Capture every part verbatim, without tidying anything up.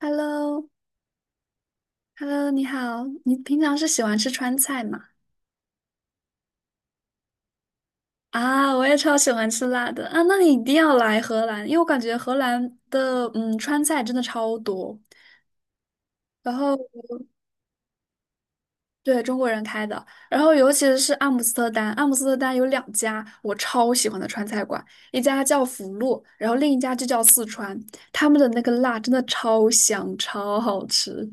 h e l l o h e l l o 你好，你平常是喜欢吃川菜吗？啊，我也超喜欢吃辣的啊，那你一定要来荷兰，因为我感觉荷兰的嗯川菜真的超多，然后对，中国人开的，然后尤其是阿姆斯特丹，阿姆斯特丹有两家我超喜欢的川菜馆，一家叫福禄，然后另一家就叫四川，他们的那个辣真的超香，超好吃。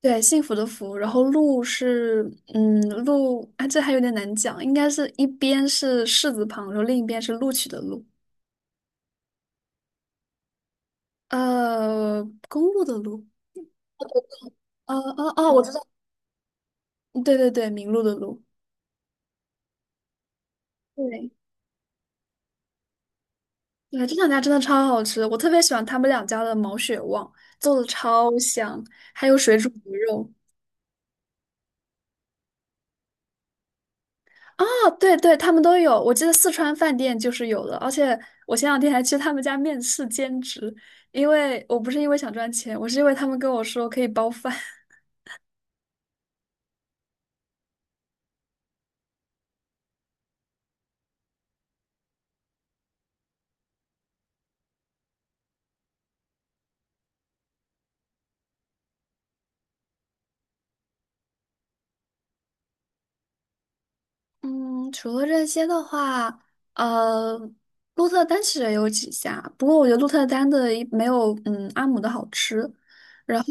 对，幸福的福，然后鹿是，嗯，鹿啊，这还有点难讲，应该是一边是士字旁，然后另一边是录取的录，呃，公路的路，哦哦哦，我知道，嗯对对对，名录的录，对对，这两家真的超好吃，我特别喜欢他们两家的毛血旺，做的超香，还有水煮鱼肉。啊，对对，他们都有，我记得四川饭店就是有的，而且我前两天还去他们家面试兼职，因为我不是因为想赚钱，我是因为他们跟我说可以包饭。嗯，除了这些的话，呃，鹿特丹其实也有几家，不过我觉得鹿特丹的一没有嗯阿姆的好吃。然后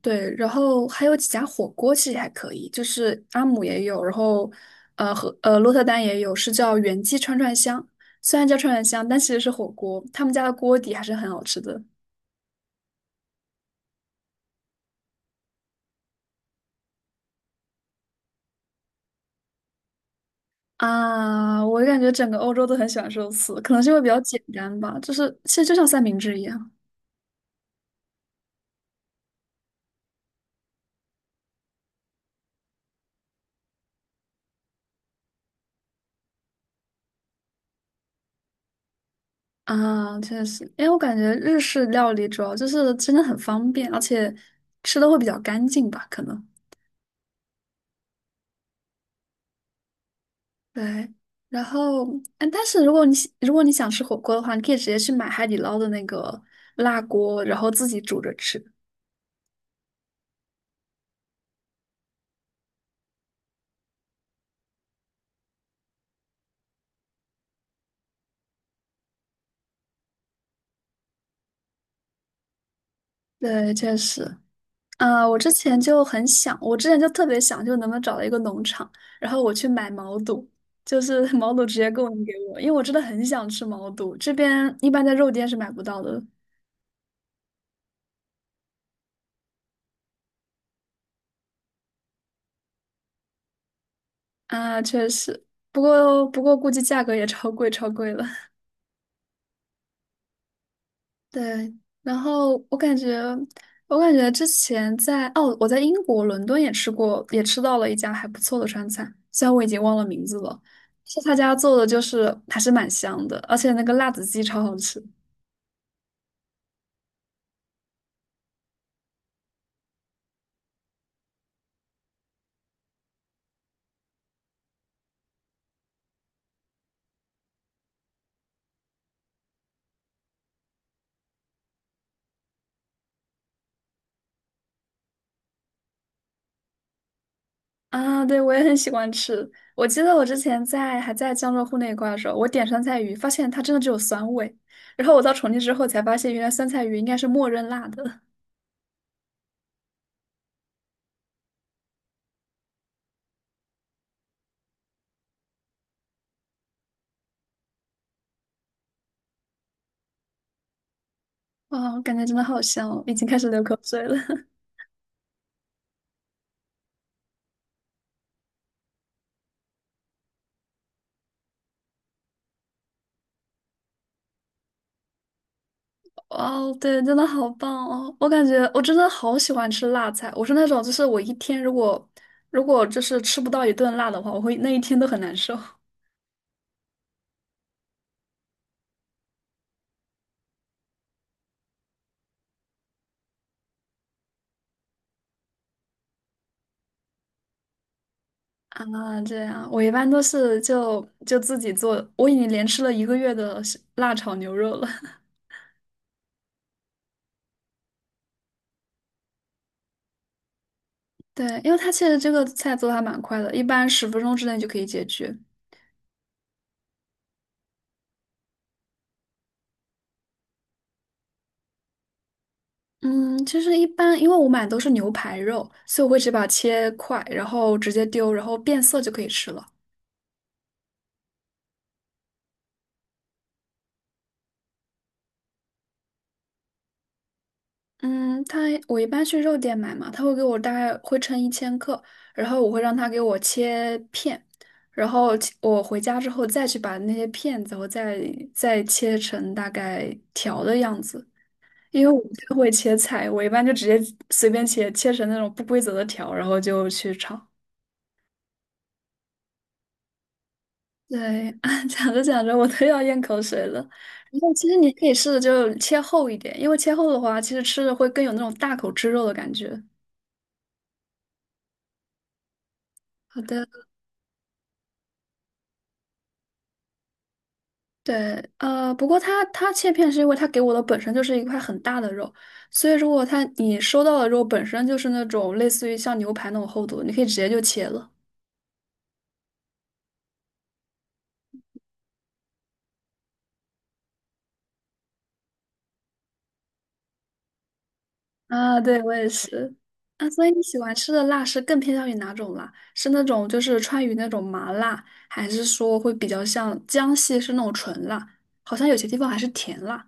对，然后还有几家火锅其实还可以，就是阿姆也有，然后呃和呃鹿特丹也有，是叫元记串串香，虽然叫串串香，但其实是火锅，他们家的锅底还是很好吃的。啊，我感觉整个欧洲都很喜欢寿司，可能是因为比较简单吧，就是其实就像三明治一样。啊，确实，因为我感觉日式料理主要就是真的很方便，而且吃的会比较干净吧，可能。对，然后，嗯，但是如果你喜如果你想吃火锅的话，你可以直接去买海底捞的那个辣锅，然后自己煮着吃。对，确实，啊，我之前就很想，我之前就特别想，就能不能找到一个农场，然后我去买毛肚，就是毛肚直接供应给我，因为我真的很想吃毛肚，这边一般在肉店是买不到的。啊，确实，不过不过估计价格也超贵，超贵了。对，然后我感觉，我感觉之前在哦，我在英国伦敦也吃过，也吃到了一家还不错的川菜，虽然我已经忘了名字了，是他家做的，就是还是蛮香的，而且那个辣子鸡超好吃。啊！对，我也很喜欢吃。我记得我之前在还在江浙沪那一块的时候，我点酸菜鱼，发现它真的只有酸味，然后我到重庆之后才发现，原来酸菜鱼应该是默认辣的。哇，我感觉真的好香哦，已经开始流口水了。哇哦，对，真的好棒哦！我感觉我真的好喜欢吃辣菜，我是那种就是我一天如果如果就是吃不到一顿辣的话，我会那一天都很难受。 啊。这样，我一般都是就就自己做，我已经连吃了一个月的是辣炒牛肉了。对，因为它其实这个菜做的还蛮快的，一般十分钟之内就可以解决。嗯，其实一般，因为我买的都是牛排肉，所以我会直接把它切块，然后直接丢，然后变色就可以吃了。嗯，他我一般去肉店买嘛，他会给我大概会称一千克，然后我会让他给我切片，然后切我回家之后再去把那些片子，我再再切成大概条的样子。因为我不太会切菜，我一般就直接随便切，切成那种不规则的条，然后就去炒。对，讲着讲着我都要咽口水了。然后其实你可以试着就切厚一点，因为切厚的话，其实吃着会更有那种大口吃肉的感觉。好的。对，呃，不过它它切片是因为它给我的本身就是一块很大的肉，所以如果它你收到的肉本身就是那种类似于像牛排那种厚度，你可以直接就切了。啊，对，我也是。啊，所以你喜欢吃的辣是更偏向于哪种辣？是那种就是川渝那种麻辣，还是说会比较像江西是那种纯辣？好像有些地方还是甜辣。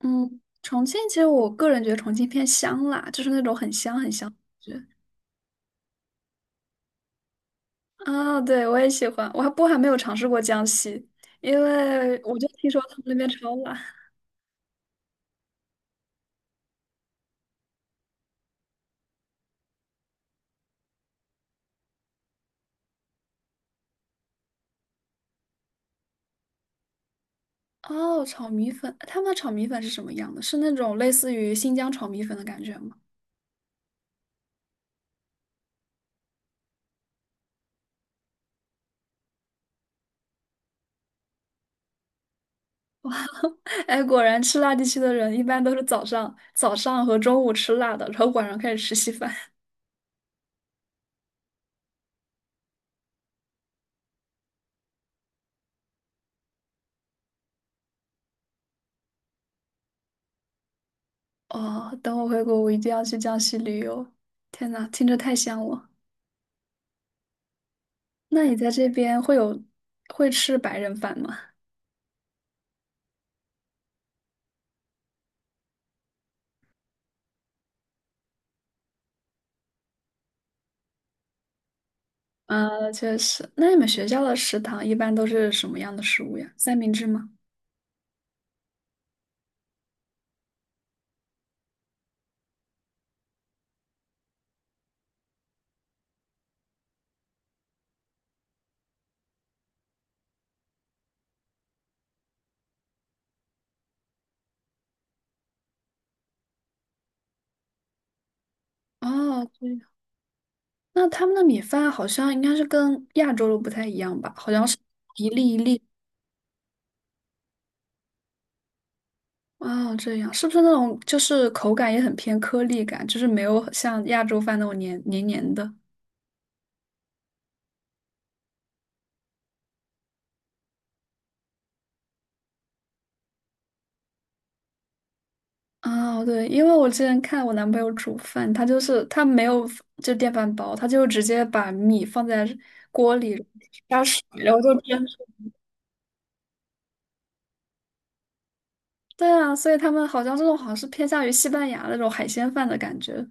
嗯，重庆其实我个人觉得重庆偏香辣，就是那种很香很香。啊，对，我也喜欢，我还不过还没有尝试过江西，因为我就听说他们那边超辣。哦，炒米粉，他们的炒米粉是什么样的？是那种类似于新疆炒米粉的感觉吗？哎，果然吃辣地区的人一般都是早上、早上和中午吃辣的，然后晚上开始吃稀饭。哦，等我回国，我一定要去江西旅游。天呐，听着太香了。那你在这边会有会吃白人饭吗？呃，确实。那你们学校的食堂一般都是什么样的食物呀？三明治吗？哦，对。那他们的米饭好像应该是跟亚洲的不太一样吧？好像是一粒一粒。哦，这样是不是那种就是口感也很偏颗粒感，就是没有像亚洲饭那种黏黏黏的？哦，对，因为我之前看我男朋友煮饭，他就是他没有就电饭煲，他就直接把米放在锅里加水，然后就蒸。对啊，所以他们好像这种好像是偏向于西班牙那种海鲜饭的感觉。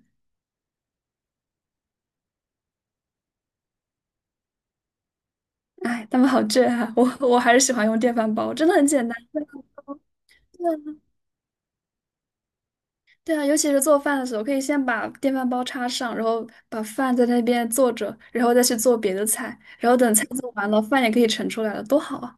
哎，他们好倔啊！我我还是喜欢用电饭煲，真的很简单。对啊，对啊，对啊，尤其是做饭的时候，可以先把电饭煲插上，然后把饭在那边做着，然后再去做别的菜，然后等菜做完了，饭也可以盛出来了，多好啊！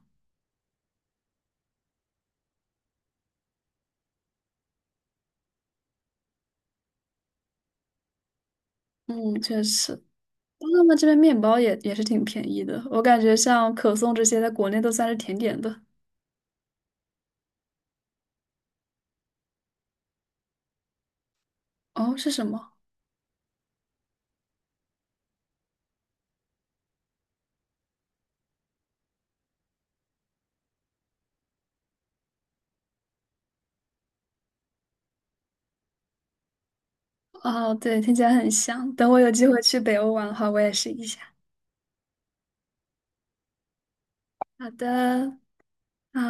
嗯，确实，他们这边面包也也是挺便宜的，我感觉像可颂这些在国内都算是甜点的。哦，是什么？哦，对，听起来很香。等我有机会去北欧玩的话，我也试一下。好的，好，